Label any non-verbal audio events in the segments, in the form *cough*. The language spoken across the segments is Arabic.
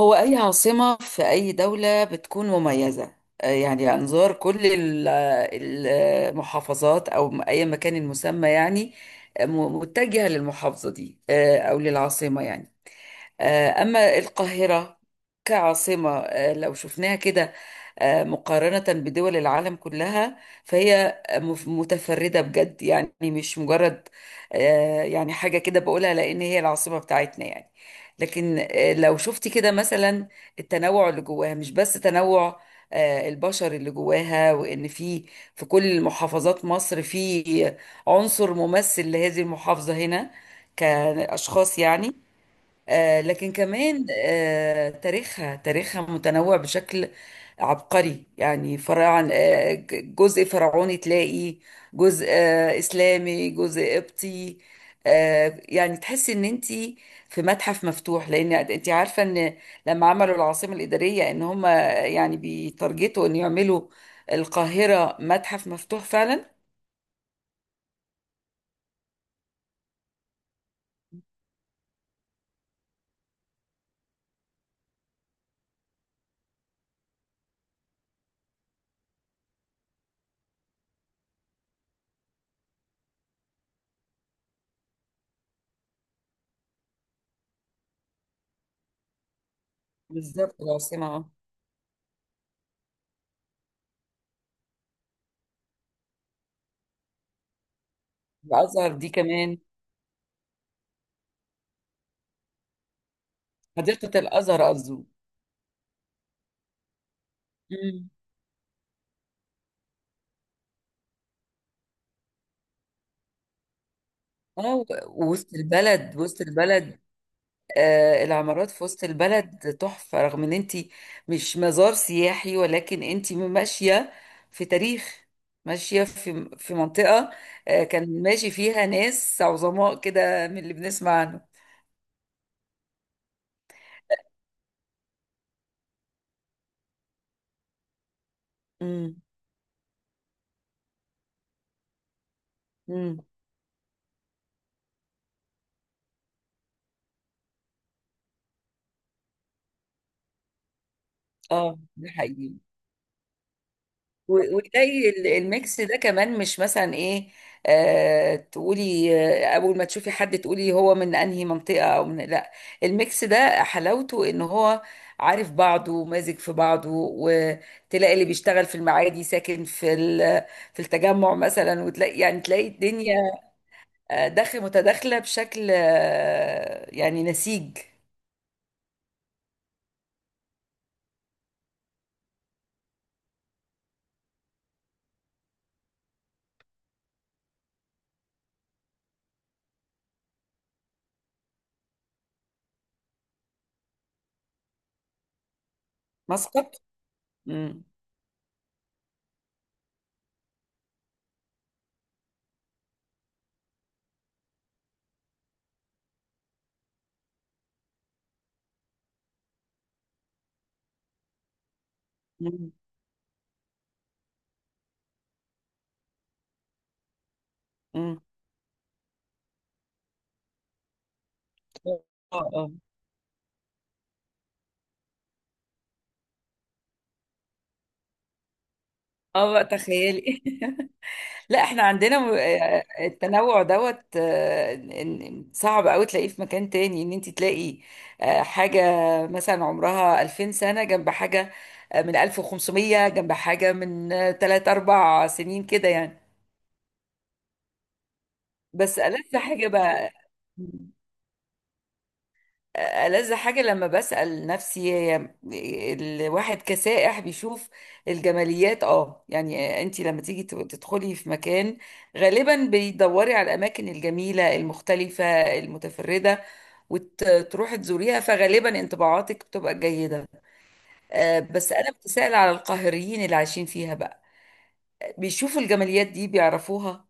هو أي عاصمة في أي دولة بتكون مميزة. يعني أنظار كل المحافظات، أو أي مكان المسمى يعني، متجهة للمحافظة دي، أو للعاصمة يعني. أما القاهرة كعاصمة، لو شفناها كده، مقارنة بدول العالم كلها، فهي متفردة بجد يعني، مش مجرد يعني حاجة كده بقولها لأن هي العاصمة بتاعتنا يعني. لكن لو شفتي كده مثلا، التنوع اللي جواها مش بس تنوع البشر اللي جواها، وإن في كل محافظات مصر في عنصر ممثل لهذه المحافظة هنا كأشخاص يعني. لكن كمان تاريخها متنوع بشكل عبقري يعني. جزء فرعوني، تلاقي جزء إسلامي، جزء قبطي. يعني تحسي ان انت في متحف مفتوح، لان انت عارفه ان لما عملوا العاصمه الاداريه، ان هم يعني بيتارجتوا ان يعملوا القاهره متحف مفتوح فعلا. بالظبط العاصمه. الازهر دي كمان. حديقه الازهر قصدي. اه، وسط البلد وسط البلد. العمارات في وسط البلد تحفة، رغم ان انت مش مزار سياحي، ولكن انت ماشية في تاريخ، ماشية في منطقة. كان ماشي فيها ناس عظماء كده من اللي بنسمع عنه. امم. امم. اه، ده حقيقي. وتلاقي الميكس ده كمان، مش مثلا ايه؟ تقولي، اول ما تشوفي حد تقولي هو من انهي منطقة او من، لا. الميكس ده حلاوته ان هو عارف بعضه ومازج في بعضه، وتلاقي اللي بيشتغل في المعادي ساكن في في التجمع مثلا، وتلاقي يعني تلاقي الدنيا داخل متداخلة بشكل يعني نسيج. مسقط. امم. امم. اه. اه. اه، بقى تخيلي *laughs* لا، احنا عندنا التنوع دوت، إن صعب قوي تلاقيه في مكان تاني، ان انت تلاقي حاجة مثلا عمرها 2000 سنة، جنب حاجة من 1500، جنب حاجة من 3 4 سنين كده يعني. بس ألذ حاجة بقى. ألذ حاجة لما بسأل نفسي، هي الواحد كسائح بيشوف الجماليات. اه يعني، انت لما تيجي تدخلي في مكان، غالبا بيدوري على الأماكن الجميلة المختلفة المتفردة، وتروحي تزوريها، فغالبا انطباعاتك بتبقى جيدة. بس أنا بتسأل على القاهريين اللي عايشين فيها بقى، بيشوفوا الجماليات دي؟ بيعرفوها؟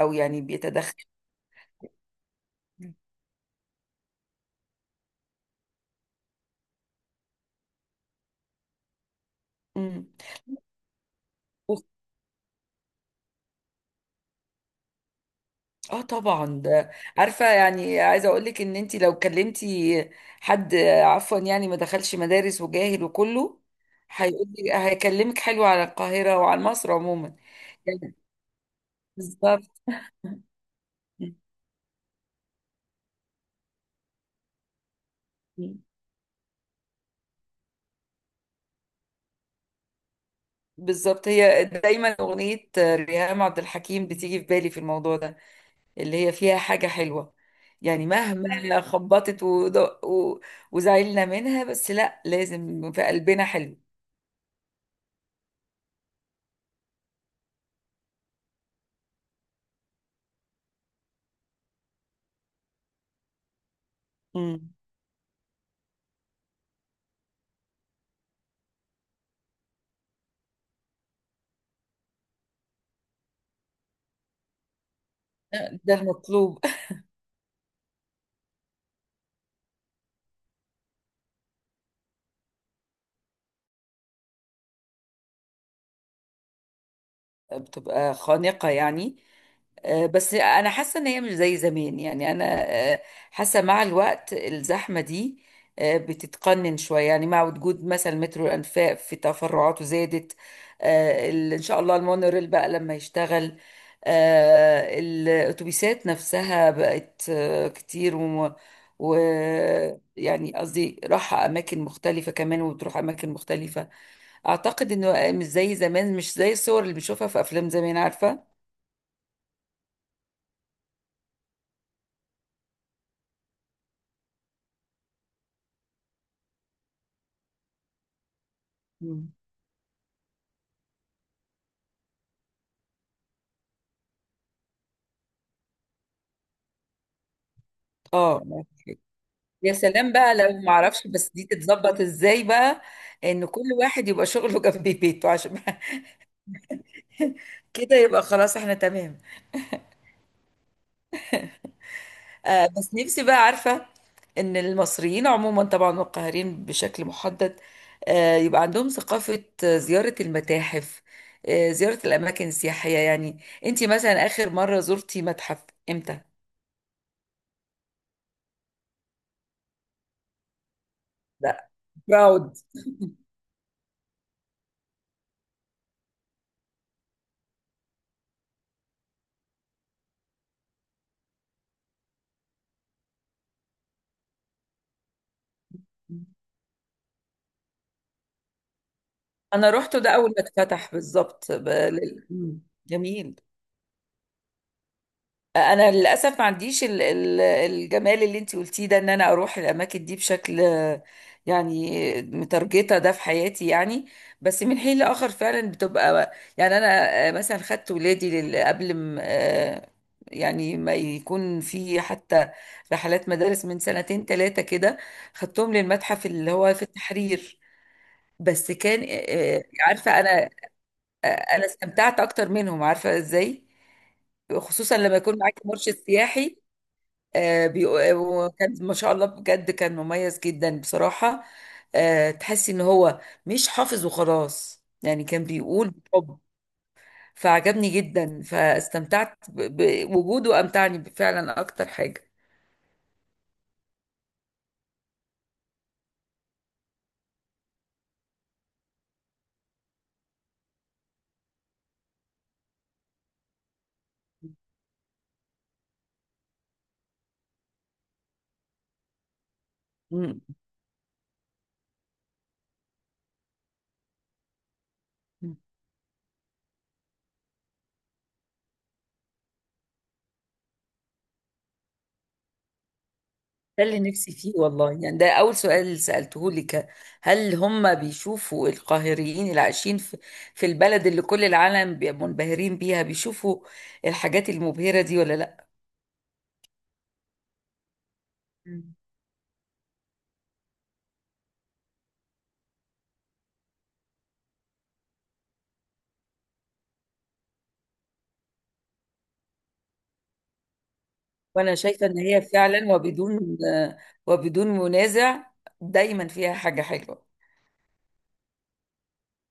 أو يعني بيتدخلوا؟ اه طبعا ده، عارفه يعني، عايزه اقول لك ان انت لو كلمتي حد عفوا يعني ما دخلش مدارس وجاهل وكله، هيقول لي، هيكلمك حلو على القاهره وعلى مصر عموما يعني. بالظبط. بالظبط، هي دايما اغنيه ريهام عبد الحكيم بتيجي في بالي في الموضوع ده، اللي هي فيها حاجه حلوه يعني، مهما خبطت وزعلنا منها، بس لا، لازم في قلبنا حلو. مم. ده المطلوب. بتبقى خانقة يعني. بس انا حاسه ان هي مش زي زمان يعني، انا آه، حاسه مع الوقت الزحمه دي بتتقنن شويه يعني، مع وجود مثلا مترو الانفاق في تفرعاته زادت. ان شاء الله المونوريل بقى لما يشتغل. الاتوبيسات نفسها بقت كتير، و- يعني قصدي راحة أماكن مختلفة كمان، وبتروح أماكن مختلفة. اعتقد انه مش زي زمان، مش زي الصور اللي بنشوفها في افلام زمان عارفه. مم. اه، يا سلام بقى، لو ما اعرفش بس دي تتظبط ازاي بقى، ان كل واحد يبقى شغله *laughs* جنب بيته عشان *laughs* كده، يبقى خلاص احنا تمام. بس نفسي بقى عارفه ان المصريين عموما طبعا، والقاهرين بشكل محدد يبقى عندهم ثقافه زياره المتاحف، زياره الاماكن السياحيه يعني. انت مثلا اخر مره زرتي متحف امتى؟ لا براود. انا روحته ده اول ما اتفتح بالظبط، مم. جميل. انا للاسف ما عنديش الجمال اللي انت قلتيه ده، ان انا اروح الاماكن دي بشكل يعني مترجطه ده في حياتي يعني. بس من حين لاخر فعلا بتبقى، يعني انا مثلا خدت ولادي قبل ما يعني ما يكون في حتى رحلات مدارس من سنتين ثلاثه كده، خدتهم للمتحف اللي هو في التحرير. بس كان عارفه انا، انا استمتعت اكتر منهم، عارفه ازاي؟ خصوصا لما يكون معاكي مرشد سياحي، وكان ما شاء الله بجد كان مميز جدا بصراحه. تحسي ان هو مش حافظ وخلاص يعني، كان بيقول بحب. فعجبني جدا، فاستمتعت بوجوده. امتعني فعلا اكتر حاجه. مم. ده اللي نفسي فيه والله يعني، ده أول سؤال سألته لك، هل هم بيشوفوا؟ القاهريين اللي عايشين في, البلد اللي كل العالم منبهرين بيها، بيشوفوا الحاجات المبهرة دي ولا لا؟ مم. وأنا شايفة إن هي فعلا، وبدون منازع، دايما فيها حاجة حلوة.